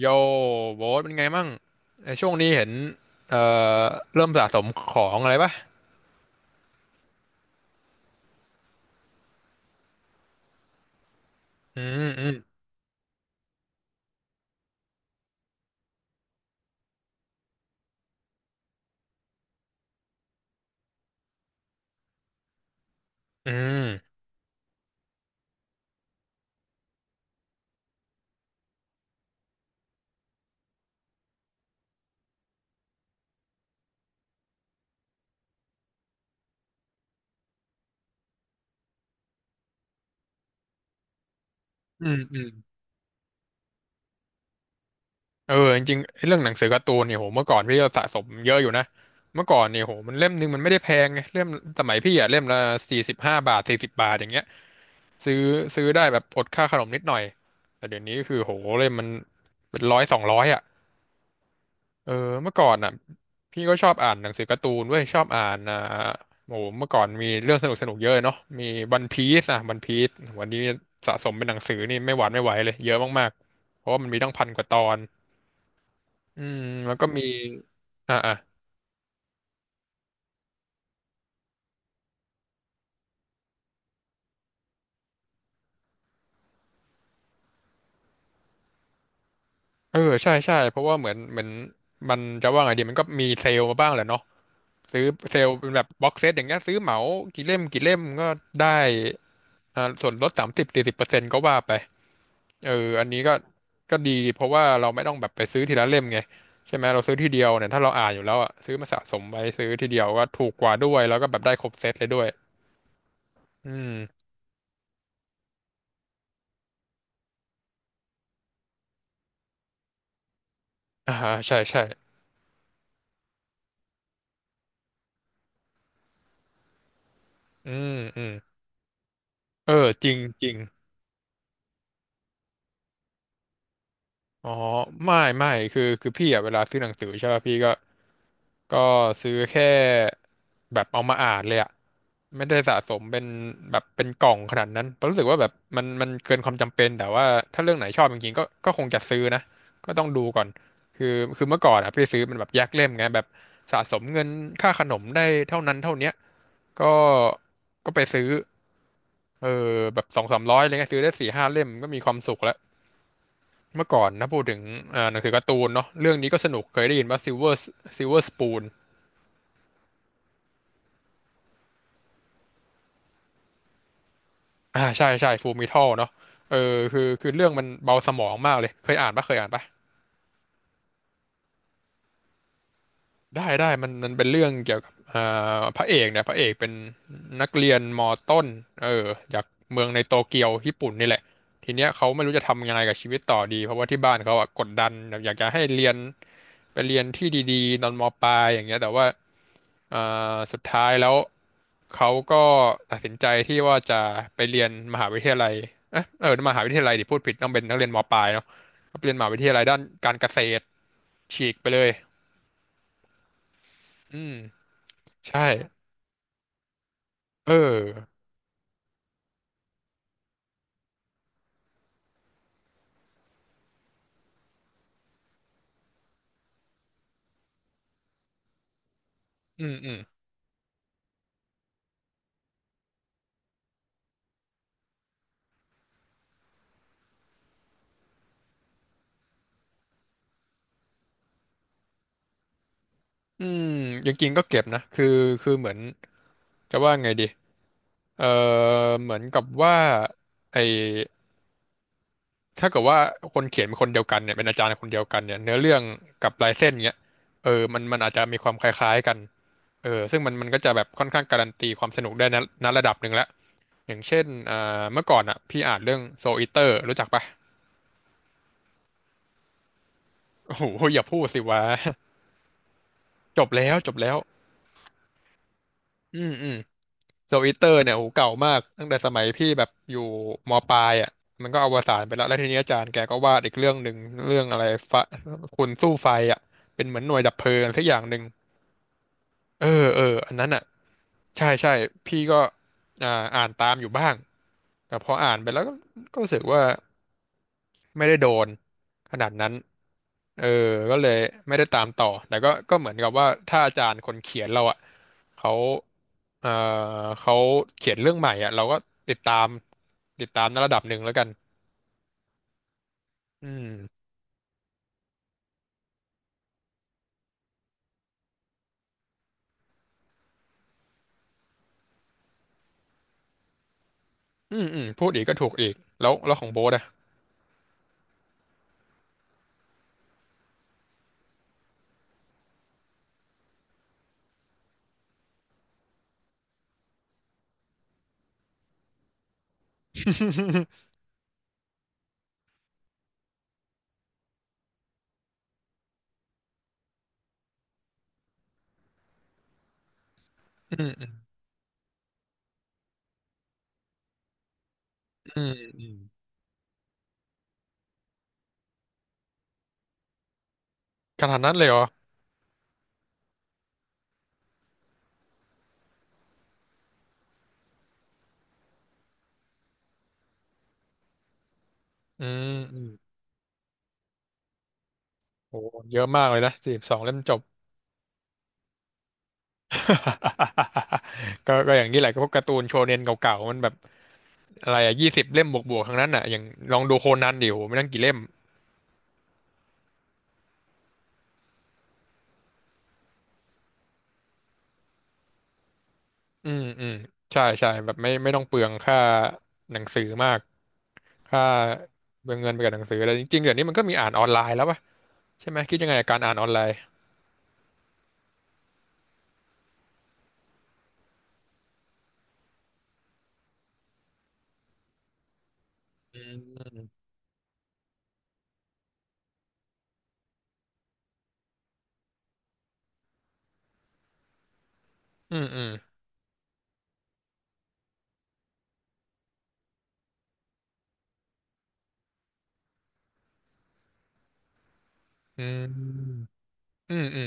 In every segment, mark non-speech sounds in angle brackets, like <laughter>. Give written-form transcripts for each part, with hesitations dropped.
โยโบ๊ทเป็นไงมั่งในช่วงนี้เห็นเอ่อเริ่มสะสมของอะไรปะ อืมอืมอืมอืมอืมเออจริงๆไอ้เรื่องหนังสือการ์ตูนเนี่ยโหเมื่อก่อนพี่ก็สะสมเยอะอยู่นะ เมื่อก่อนเนี่ยโหมันเล่มหนึงมันไม่ได้แพงไงเล่มสมัยพี่อะเล่มละ45 บาท40 บาทอย่างเงี้ยซื้อซื้อได้แบบอดค่าขนมนิดหน่อยแต่เดี๋ยวนี้คือโหเล่มมันเป็นร้อยสองร้อยอะ เออเมื่อก่อนอ่ะพี่ก็ชอบอ่านหนังสือการ์ตูนเว้ยชอบอ่านอ่าโอ้โหเมื่อก่อนมีเรื่องสนุกสนุกเยอะเนาะมีวันพีซอ่ะวันพีซวันนี้สะสมเป็นหนังสือนี่ไม่หวานไม่ไหวเลยเยอะมากๆเพราะว่ามันมีตั้ง1,000 กว่าตอนอืมแล้วก็มีอ่าอ่ะเออใช่ใช่เพราะว่าเหมือนมันจะว่าไงดีมันก็มีเซลล์มาบ้างแหละเนาะซื้อเซลล์เป็นแบบบ็อกเซตอย่างเงี้ยซื้อเหมากี่เล่มกี่เล่มก็ได้อ่าส่วนลด30-40%ก็ว่าไป เอออันนี้ก็ก็ดีเพราะว่าเราไม่ต้องแบบไปซื้อทีละเล่มไงใช่ไหมเราซื้อทีเดียวเนี่ยถ้าเราอ่านอยู่แล้วอ่ะซื้อมาสะสมไว้ซื้อทีเดียวก็ถูกกว่าด้วยแล้วก็แบบได้ครบเซตเลยด้วยอืมอ่าใช่ใช่อืมอืมเออจริงจริงอ๋อไม่ไม่คือพี่อ่ะเวลาซื้อหนังสือใช่ป่ะพี่ก็ก็ซื้อแค่แบบเอามาอ่านเลยอ่ะ ไม่ได้สะสมเป็นแบบเป็นกล่องขนาดนั้นเพราะรู้สึกว่าแบบมันเกินความจำเป็น แต่ว่าถ้าเรื่องไหนชอบจริงๆก็ก็คงจะซื้อนะก็ต้องดูก่อน คือเมื่อก่อนอะพี่ซื้อมันแบบแยกเล่มไงแบบสะสมเงินค่าขนมได้เท่านั้นเท่าเนี้ยก็ก็ไปซื้อเออแบบสองสามร้อยอะไรเงี้ยซื้อได้สี่ห้าเล่มก็มีความสุขแล้วเมื่อก่อนนะพูดถึงอ่าหนังสือการ์ตูนเนาะเรื่องนี้ก็สนุกเคยได้ยินว่า Silver Silver Spoon อ่าใช่ใช่ฟูมิทัลเนาะเออคือเรื่องมันเบาสมองมากเลยเคยอ่านปะเคยอ่านปะ ได้ได้มันเป็นเรื่องเกี่ยวกับเอ่าพระเอกเนี่ยพระเอกเป็นนักเรียนมอต้นเออจากเมืองในโตเกียวญี่ปุ่นนี่แหละทีเนี้ยเขาไม่รู้จะทำยังไงกับชีวิตต่อดีเพราะว่าที่บ้านเขาอะกดดันแบบอยากจะให้เรียนไปเรียนที่ดีๆตอนมปลายอย่างเงี้ยแต่ว่าเอ่สุดท้ายแล้วเขาก็ตัดสินใจที่ว่าจะไปเรียนมหาวิทยาลัยเอะเออมหาวิทยาลัยดิพูดผิดต้องเป็นนักเรียนมปลายเนาะไปเรียนมหาวิทยาลัยด้านการเกษตรฉีกไปเลยอืม ใช่เอออืมอืมอืมจริงๆก็เก็บนะคือคือเหมือนจะว่าไงดีเออเหมือนกับว่าไอถ้าเกิดว่าคนเขียนเป็นคนเดียวกันเนี่ยเป็นอาจารย์คนเดียวกันเนี่ยเนื้อเรื่องกับลายเส้นเนี้ยเออมันอาจจะมีความคล้ายๆกันเออซึ่งมันก็จะแบบค่อนข้างการันตีความสนุกได้นะณระดับหนึ่งแล้วอย่างเช่นอ่าเมื่อก่อนอ่ะพี่อ่านเรื่องโซอิเตอร์รู้จักปะโอ้โหอย่าพูดสิวะ <laughs> จบแล้วจบแล้วอืมอืม โซอิเตอร์เนี่ยโหเก่ามากตั้งแต่สมัยพี่แบบอยู่มปลายอ่ะมันก็อวสานไปแล้วแล้วทีนี้อาจารย์แกก็วาดอีกเรื่องหนึ่งเรื่องอะไรฟะคุณสู้ไฟอ่ะเป็นเหมือนหน่วยดับเพลิงสักอย่างหนึ่งเออเอออันนั้นอ่ะใช่ใช่พี่ก็อ่าอ่านตามอยู่บ้างแต่พออ่านไปแล้วก็ก็รู้สึกว่าไม่ได้โดนขนาดนั้น เออก็เลยไม่ได้ตามต่อ แต่ก็ก็เหมือนกับว่าถ้าอาจารย์คนเขียนเราอ่ะเขาเออเขาเขียนเรื่องใหม่อ่ะเราก็ติดตามติดตามในระดับหนึ่งแล้วกันอืมอืมอืมพูดอีกก็ถูกอีกแล้วแล้วของโบ๊ทอ่ะอืมอืมอืมอืมขนาดนั้นเลยเหรออืมอืมโอ้เยอะมากเลยนะสี่สบสองเล่มจบ <laughs> ก็ก็อย่างนี้แหละก็พวกการ์ตูนโชเนนเก่าๆมันแบบอะไรอะ20 เล่มบวกๆทั้งนั้นอ่ะอย่างลองดูโคนันดิโหไม่นั่งกี่เล่ม อืมอืมใช่ใช่แบบไม่ต้องเปลืองค่าหนังสือมากค่าเปลืองเงินไปกับหนังสืออะไรจริงๆเดี๋ยวนี้มันก็มีอ่านออนไลน์แล้วป่ะใช่ไหมคิดยังไงกับการอ่านออนไลน์อืมอืมอืมอืมอืมอืม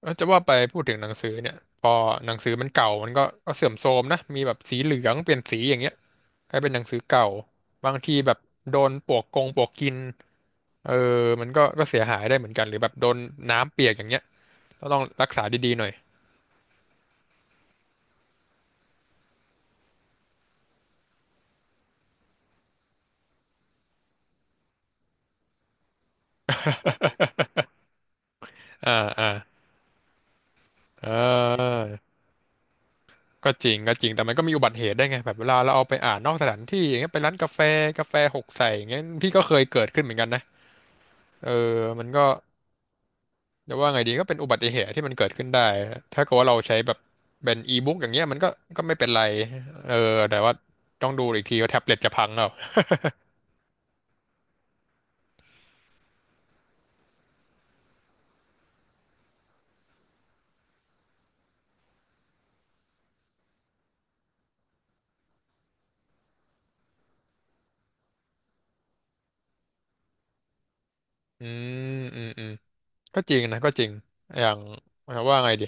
เอ้ยจะว่าไปพูดถึงหนังสือเนี่ยพอหนังสือมันเก่ามันก็เสื่อมโทรมนะมีแบบสีเหลืองเปลี่ยนสีอย่างเงี้ยกลายเป็นหนังสือเก่าบางทีแบบโดนปลวกกงปลวกกินเออมันก็เสียหายได้เหมือนกันหรือแบบโดนน้ำเปียกอย่างเงี้ยก็ต้องรักษาดีๆหน่อยอ่าอ่า เออก็จริงก็จริงแต่มันก็มีอุบัติเหตุได้ไงแบบเวลาเราเอาไปอ่านนอกสถานที่อย่างเงี้ยไปร้านกาแฟกาแฟหกใส่อย่างเงี้ยพี่ก็เคยเกิดขึ้นเหมือนกันนะเออมันก็จะว่าไงดีก็เป็นอุบัติเหตุที่มันเกิดขึ้นได้ถ้าเกิดว่าเราใช้แบบเป็นอีบุ๊กอย่างเงี้ยมันก็ก็ไม่เป็นไรเออแต่ว่าต้องดูอีกทีว่าแท็บเล็ตจะพังแล้วอืมอืมอืมก็จริงนะก็จริงอย่างว่าไงดี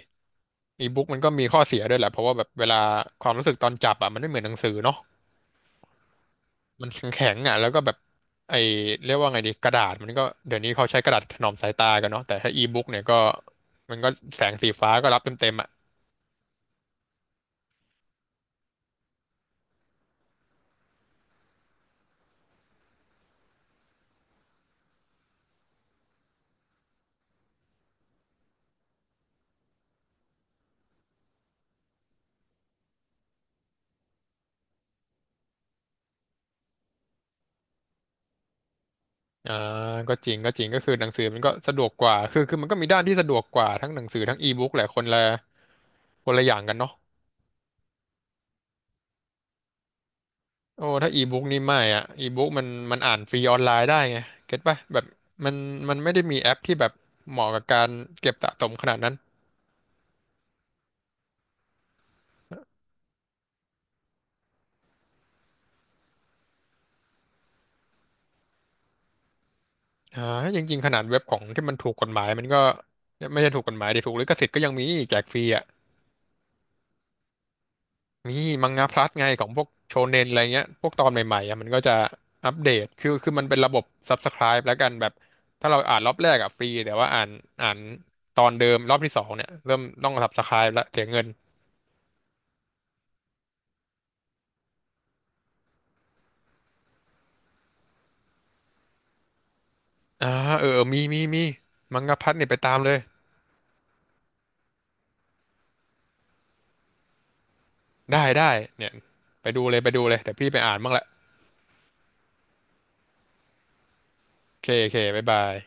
อีบุ๊กมันก็มีข้อเสียด้วยแหละเพราะว่าแบบเวลาความรู้สึกตอนจับอ่ะมันไม่เหมือนหนังสือเนาะ มันแข็งๆอ่ะแล้วก็แบบไอเรียกว่าไงดีกระดาษมันก็เดี๋ยวนี้เขาใช้กระดาษถนอมสายตากันเนาะแต่ถ้าอีบุ๊กเนี่ยก็มันก็แสงสีฟ้าก็รับเต็มๆอ่ะอ่าก็จริงก็จริงก็คือหนังสือมันก็สะดวกกว่าคือมันก็มีด้านที่สะดวกกว่าทั้งหนังสือทั้งอีบุ๊กแหละคนละคนละอย่างกันเนาะโอ้ถ้าอีบุ๊กนี่ไม่อ่ะอีบุ๊กมันอ่านฟรีออนไลน์ได้ไงเก็ตป่ะแบบมันมันไม่ได้มีแอปที่แบบเหมาะกับการเก็บสะสมขนาดนั้น อ่าจริงๆ ขนาดเว็บของที่มันถูกกฎหมายมันก็ไม่ใช่ถูกกฎหมายดิถูกลิขสิทธิ์ก็ยังมีแจกฟรีอ่ะมีมังงะพลัสไงของพวกโชเน็นอะไรเงี้ย พวกตอนใหม่ๆอ่ะมันก็จะอัปเดต คือมันเป็นระบบ Subscribe แล้วกันแบบถ้าเราอ่านรอบแรกอ่ะฟรีแต่ว่าอ่านตอนเดิมรอบที่สองเนี่ยเริ่มต้อง Subscribe แล้วเสียเงินอ่าเออเออมีมังงะพลัสเนี่ยไปตามเลยได้เนี่ยไปดูเลยไปดูเลยแต่พี่ไปอ่านบ้างละโอเคโอเคบ๊ายบาย